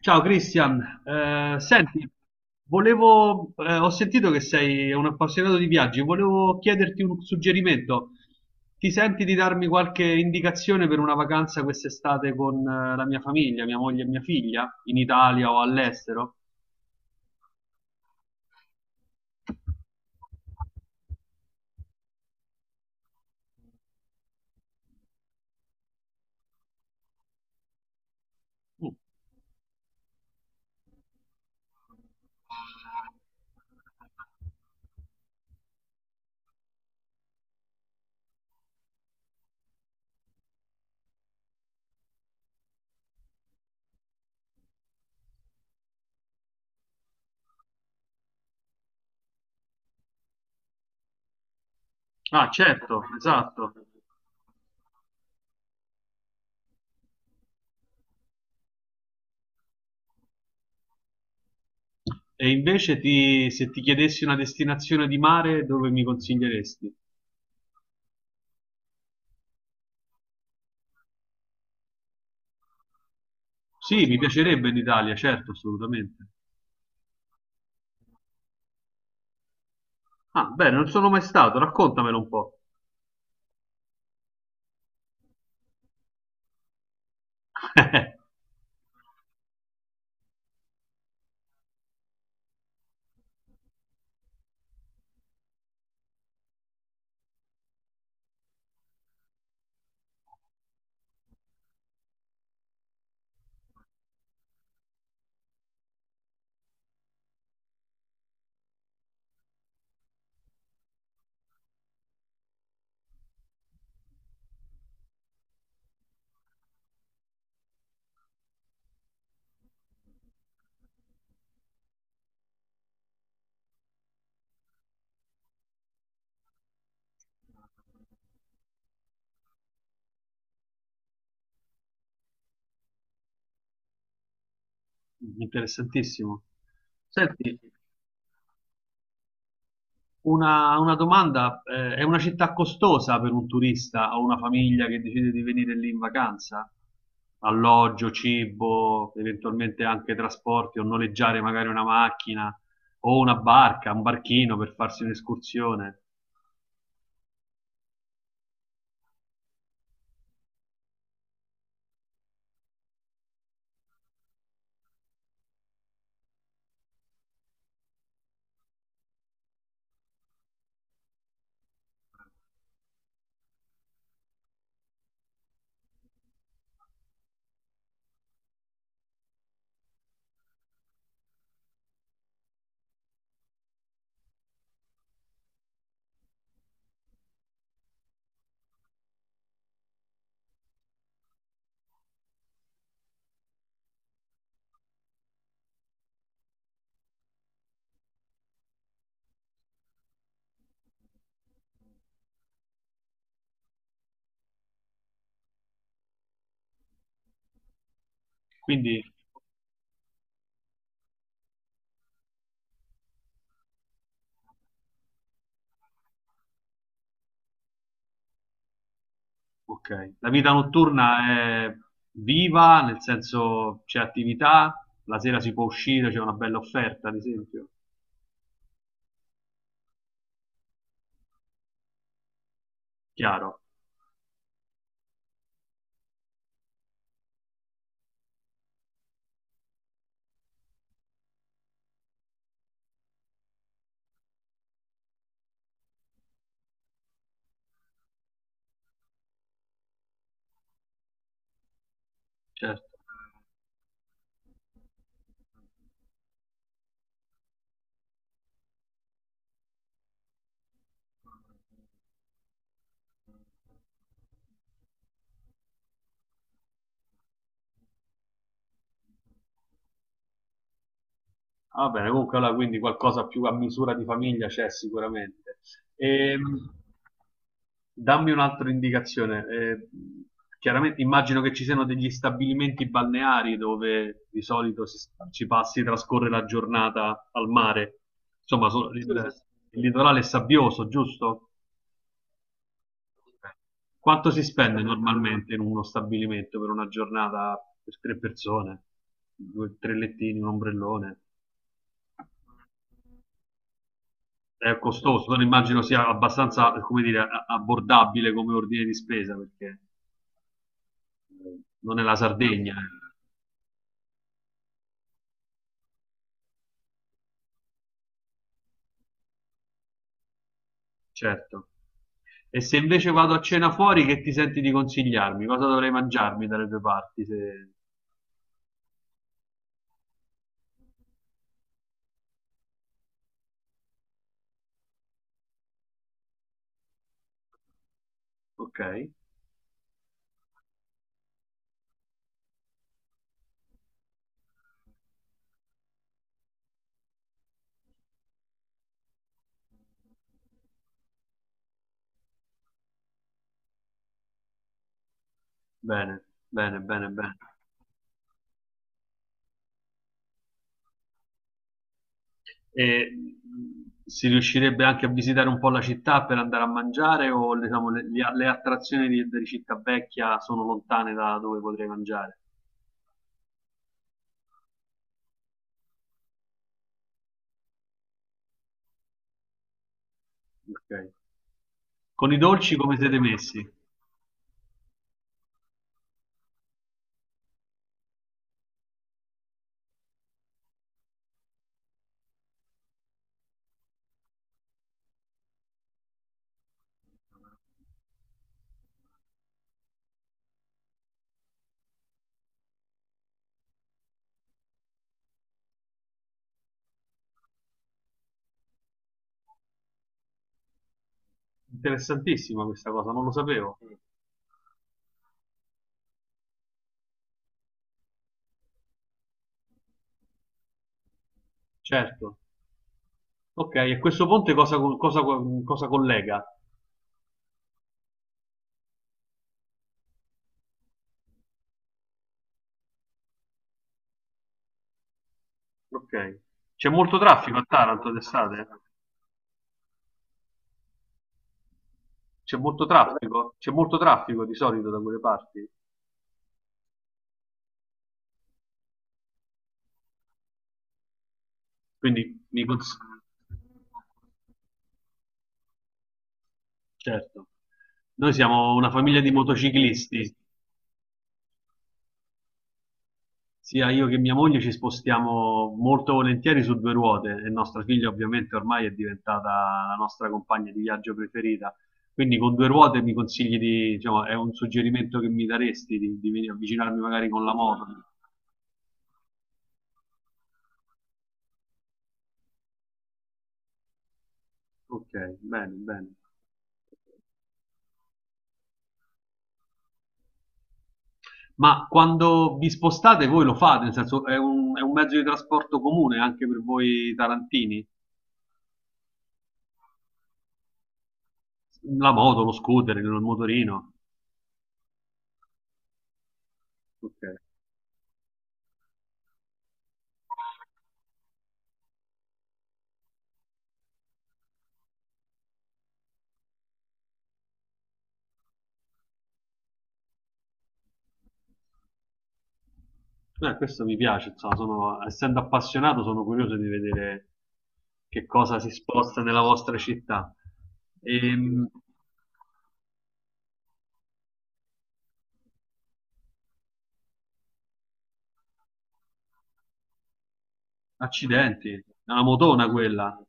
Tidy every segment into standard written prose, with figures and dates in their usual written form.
Ciao Cristian, senti, ho sentito che sei un appassionato di viaggi, volevo chiederti un suggerimento. Ti senti di darmi qualche indicazione per una vacanza quest'estate con la mia famiglia, mia moglie e mia figlia, in Italia o all'estero? Mm. Ah, certo, esatto. E se ti chiedessi una destinazione di mare, dove mi consiglieresti? Sì, mi piacerebbe in Italia, certo, assolutamente. Ah, bene, non sono mai stato, raccontamelo un po'. Interessantissimo. Senti, una domanda, è una città costosa per un turista o una famiglia che decide di venire lì in vacanza? Alloggio, cibo, eventualmente anche trasporti o noleggiare magari una macchina o una barca, un barchino per farsi un'escursione. Quindi, ok, la vita notturna è viva, nel senso c'è attività, la sera si può uscire, c'è una bella offerta, ad esempio. Chiaro, certo. Va bene, comunque allora quindi qualcosa più a misura di famiglia c'è sicuramente. Ehm, dammi un'altra indicazione. Chiaramente immagino che ci siano degli stabilimenti balneari dove di solito ci passi, trascorre la giornata al mare. Insomma, Sì, sì, sì. Il litorale è sabbioso, giusto? Quanto si spende normalmente in uno stabilimento per una giornata per tre persone? Due, tre lettini, un ombrellone? È costoso, non immagino sia abbastanza, come dire, abbordabile come ordine di spesa, perché non è la Sardegna, certo. E se invece vado a cena fuori, che ti senti di consigliarmi? Cosa dovrei mangiarmi dalle due parti? Se- ok, bene, bene, bene, bene. E si riuscirebbe anche a visitare un po' la città per andare a mangiare o diciamo, le attrazioni di Città Vecchia sono lontane da dove potrei mangiare? Ok. Con i dolci come siete messi? Interessantissima questa cosa, non lo sapevo. Mm. Certo. Ok, e questo ponte cosa collega? Ok. C'è molto traffico a Taranto d'estate? C'è molto traffico di solito da quelle parti? Quindi mi cons- Certo. Noi siamo una famiglia di motociclisti. Sia io che mia moglie ci spostiamo molto volentieri su due ruote e nostra figlia ovviamente ormai è diventata la nostra compagna di viaggio preferita. Quindi con due ruote mi consigli di, diciamo, è un suggerimento che mi daresti di, avvicinarmi magari con la moto? Ok, bene, bene. Ma quando vi spostate voi lo fate, nel senso è un mezzo di trasporto comune anche per voi tarantini? La moto, lo scooter, il motorino? Ok. Questo mi piace, insomma, essendo appassionato sono curioso di vedere che cosa si sposta nella vostra città. Ehm, accidenti, è una motona quella,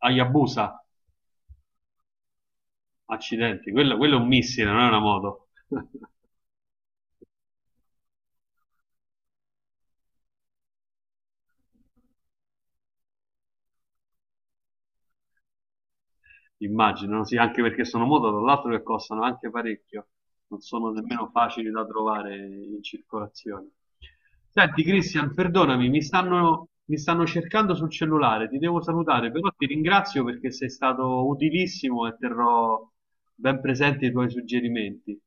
Hayabusa, accidenti, quello è un missile, non è una moto. Immaginano, sì, anche perché sono moto, tra l'altro che costano anche parecchio, non sono nemmeno facili da trovare in circolazione. Senti, Cristian, perdonami, mi stanno cercando sul cellulare, ti devo salutare, però ti ringrazio perché sei stato utilissimo e terrò ben presenti i tuoi suggerimenti.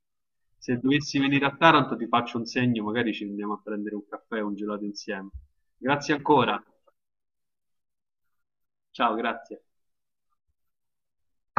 Se dovessi venire a Taranto ti faccio un segno, magari ci andiamo a prendere un caffè o un gelato insieme. Grazie ancora. Ciao, grazie.